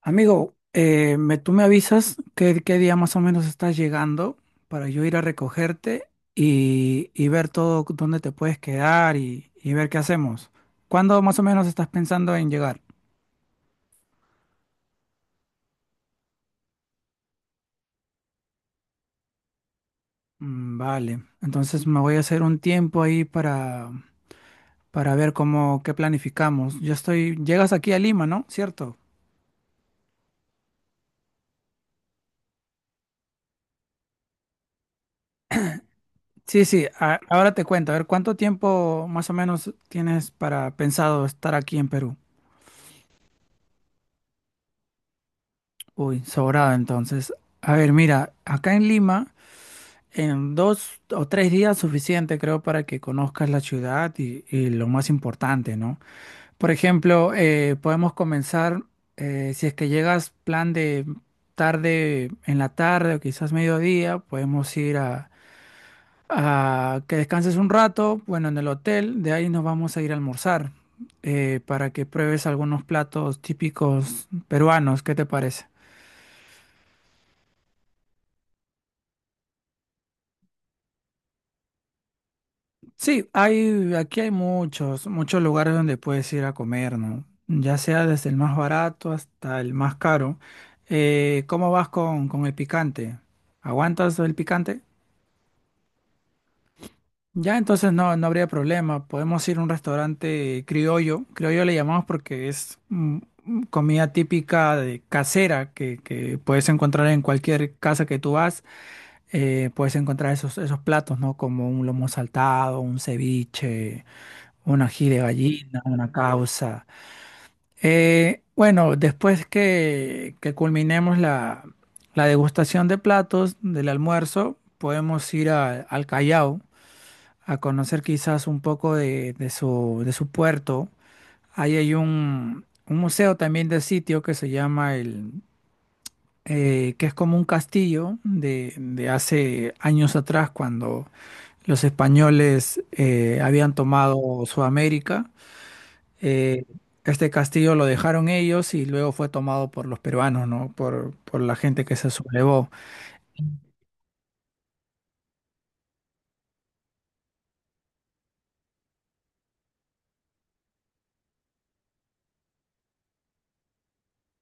Amigo, tú me avisas qué día más o menos estás llegando para yo ir a recogerte y ver todo dónde te puedes quedar y ver qué hacemos. ¿Cuándo más o menos estás pensando en llegar? Mm, vale, entonces me voy a hacer un tiempo ahí para ver cómo, qué planificamos. Llegas aquí a Lima, ¿no? ¿Cierto? Sí, sí, ahora te cuento. A ver, ¿cuánto tiempo más o menos tienes para pensado estar aquí en Perú? Uy, sobrado entonces. A ver, mira, acá en Lima, en 2 o 3 días suficiente creo para que conozcas la ciudad y lo más importante, ¿no? Por ejemplo, podemos comenzar, si es que llegas plan de tarde en la tarde o quizás mediodía, podemos ir a que descanses un rato, bueno, en el hotel, de ahí nos vamos a ir a almorzar para que pruebes algunos platos típicos peruanos, ¿qué te parece? Sí, aquí hay muchos lugares donde puedes ir a comer, ¿no? Ya sea desde el más barato hasta el más caro. ¿Cómo vas con el picante? ¿Aguantas el picante? Ya, entonces no, no habría problema. Podemos ir a un restaurante criollo. Criollo le llamamos porque es comida típica de casera que puedes encontrar en cualquier casa que tú vas. Puedes encontrar esos platos, ¿no? Como un lomo saltado, un ceviche un ají de gallina, una causa. Bueno, después que culminemos la degustación de platos del almuerzo, podemos ir al Callao a conocer quizás un poco de su puerto. Ahí hay un museo también de sitio que se llama que es como un castillo de hace años atrás cuando los españoles habían tomado Sudamérica. Eh, este castillo lo dejaron ellos y luego fue tomado por los peruanos, ¿no? Por la gente que se sublevó.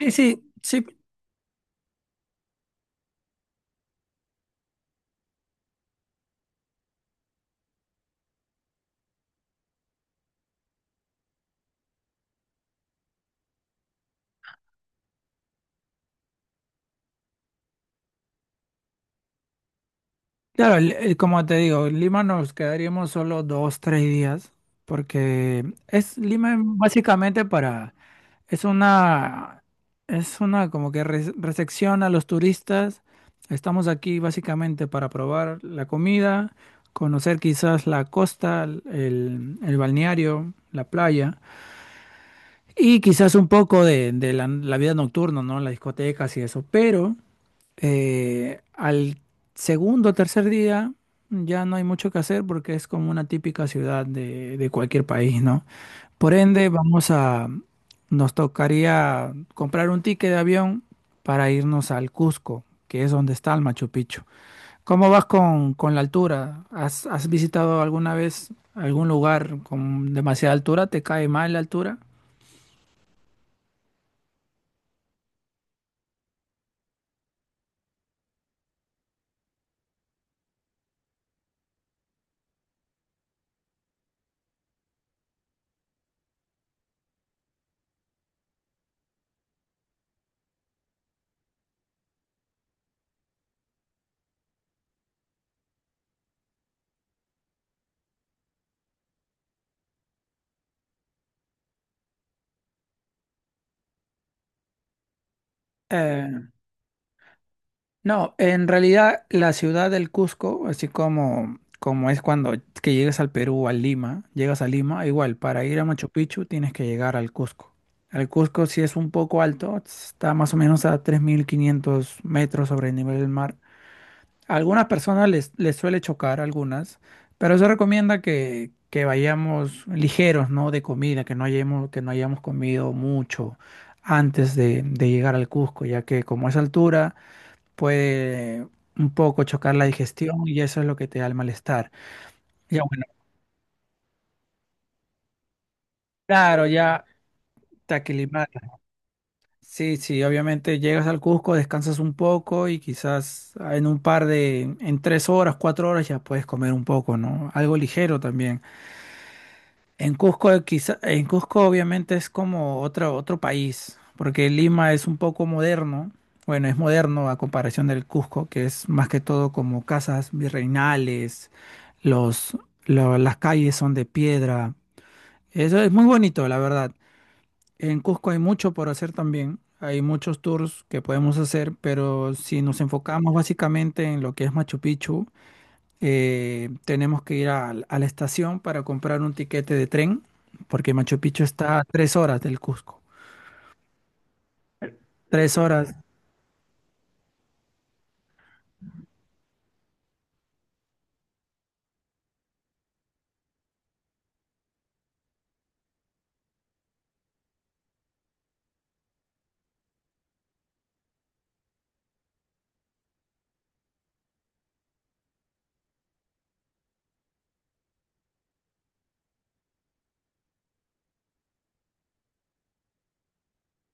Sí, sí, sí, claro, como te digo, en Lima nos quedaríamos solo dos, tres días, porque es Lima es básicamente es una, es una como que recepción a los turistas. Estamos aquí básicamente para probar la comida, conocer quizás la costa, el balneario, la playa. Y quizás un poco de la vida nocturna, ¿no? Las discotecas y eso. Pero al segundo o tercer día ya no hay mucho que hacer porque es como una típica ciudad de cualquier país, ¿no? Por ende, nos tocaría comprar un ticket de avión para irnos al Cusco, que es donde está el Machu Picchu. ¿Cómo vas con la altura? Has visitado alguna vez algún lugar con demasiada altura? ¿Te cae mal la altura? Eh, No, en realidad la ciudad del Cusco, así como es cuando que llegas al Perú, a Lima, llegas a Lima, igual, para ir a Machu Picchu tienes que llegar al Cusco. El Cusco sí es un poco alto, está más o menos a 3.500 metros sobre el nivel del mar. A algunas personas les suele chocar, algunas, pero se recomienda que vayamos ligeros, ¿no? De comida, que no hayamos comido mucho antes de llegar al Cusco, ya que como es altura puede un poco chocar la digestión y eso es lo que te da el malestar. Ya bueno, claro, ya te aclimatas. Sí, sí, obviamente llegas al Cusco, descansas un poco y quizás en en 3 horas, 4 horas ya puedes comer un poco, ¿no? Algo ligero también. En Cusco, quizá, en Cusco obviamente es como otro país, porque Lima es un poco moderno, bueno, es moderno a comparación del Cusco, que es más que todo como casas virreinales, los, las calles son de piedra, eso es muy bonito, la verdad. En Cusco hay mucho por hacer también, hay muchos tours que podemos hacer, pero si nos enfocamos básicamente en lo que es Machu Picchu, tenemos que ir la estación para comprar un tiquete de tren, porque Machu Picchu está a 3 horas del Cusco. 3 horas.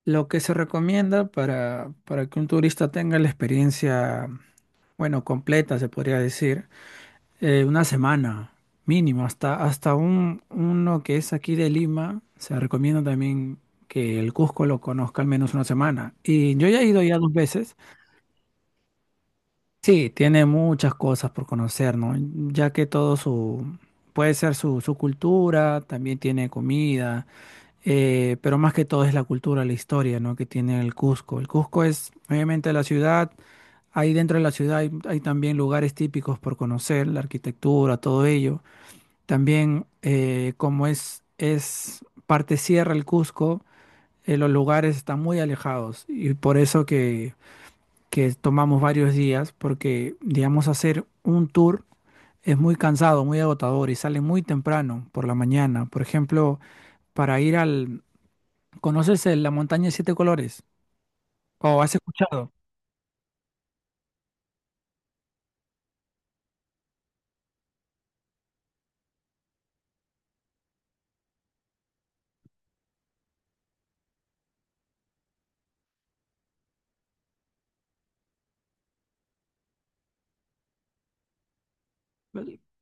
Lo que se recomienda para que un turista tenga la experiencia, bueno, completa, se podría decir, una semana mínimo, hasta uno que es aquí de Lima, se recomienda también que el Cusco lo conozca al menos una semana. Y yo ya he ido ya dos veces. Sí, tiene muchas cosas por conocer, ¿no? Ya que puede ser su cultura, también tiene comida, pero más que todo es la cultura, la historia, ¿no? Que tiene el Cusco. El Cusco es, obviamente, la ciudad, ahí dentro de la ciudad hay también lugares típicos por conocer, la arquitectura, todo ello. También, como es parte sierra el Cusco, los lugares están muy alejados y por eso que tomamos varios días porque, digamos, hacer un tour es muy cansado, muy agotador y sale muy temprano por la mañana. Por ejemplo, para ir ¿Conoces la montaña de siete colores? ¿O has escuchado?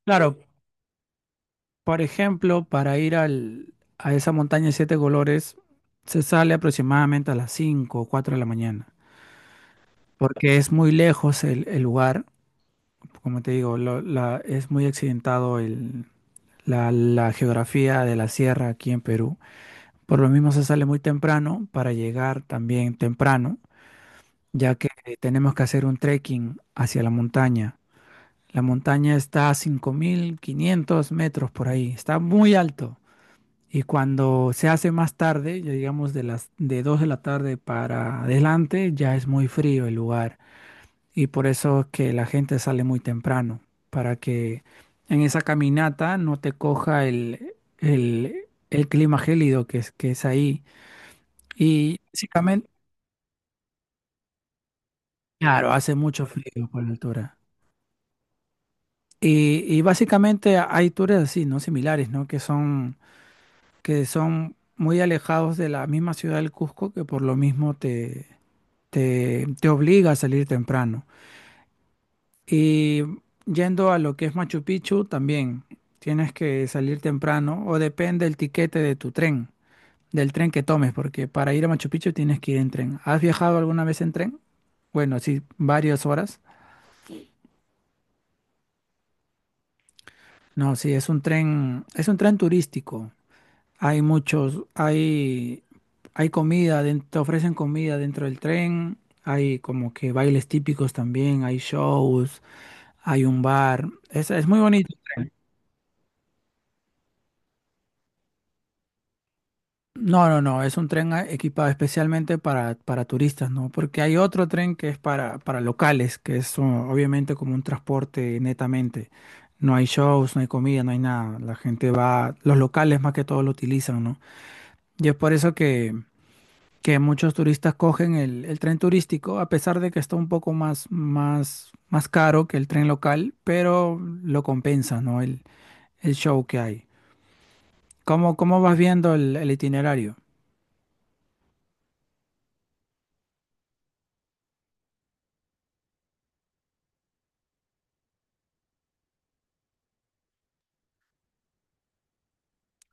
Claro, por ejemplo, para ir a esa montaña de siete colores se sale aproximadamente a las 5 o 4 de la mañana, porque es muy lejos el lugar, como te digo, es muy accidentado la geografía de la sierra aquí en Perú. Por lo mismo se sale muy temprano para llegar también temprano, ya que tenemos que hacer un trekking hacia la montaña. La montaña está a 5.500 metros por ahí, está muy alto. Y cuando se hace más tarde, ya digamos de 2 de la tarde para adelante, ya es muy frío el lugar. Y por eso es que la gente sale muy temprano, para que en esa caminata no te coja el clima gélido que es ahí y básicamente, claro, hace mucho frío por la altura. Y básicamente hay tours así, ¿no? Similares, ¿no? Que son muy alejados de la misma ciudad del Cusco, que por lo mismo te obliga a salir temprano. Y yendo a lo que es Machu Picchu, también tienes que salir temprano, o depende del tiquete de tu tren, del tren que tomes, porque para ir a Machu Picchu tienes que ir en tren. ¿Has viajado alguna vez en tren? Bueno, sí, varias horas. No, sí, es un tren turístico. Hay muchos, hay comida, te ofrecen comida dentro del tren, hay como que bailes típicos también, hay shows, hay un bar. Es muy bonito. No, no, no, es un tren equipado especialmente para turistas, ¿no? Porque hay otro tren que es para locales, que es obviamente como un transporte netamente. No hay shows, no hay comida, no hay nada. La gente va, los locales más que todo lo utilizan, ¿no? Y es por eso que muchos turistas cogen el tren turístico, a pesar de que está un poco más, más, más caro que el tren local, pero lo compensa, ¿no? El show que hay. Cómo vas viendo el itinerario?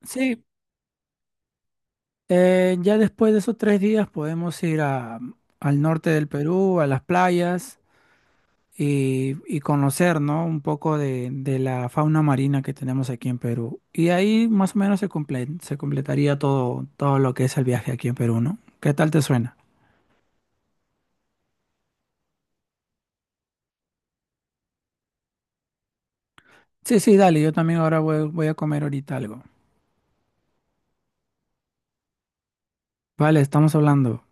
Sí, ya después de esos 3 días podemos ir al norte del Perú, a las playas y conocer, ¿no? Un poco de la fauna marina que tenemos aquí en Perú. Y ahí más o menos se completaría todo, todo lo que es el viaje aquí en Perú, ¿no? ¿Qué tal te suena? Sí, sí, dale, yo también ahora voy a comer ahorita algo. Vale, estamos hablando.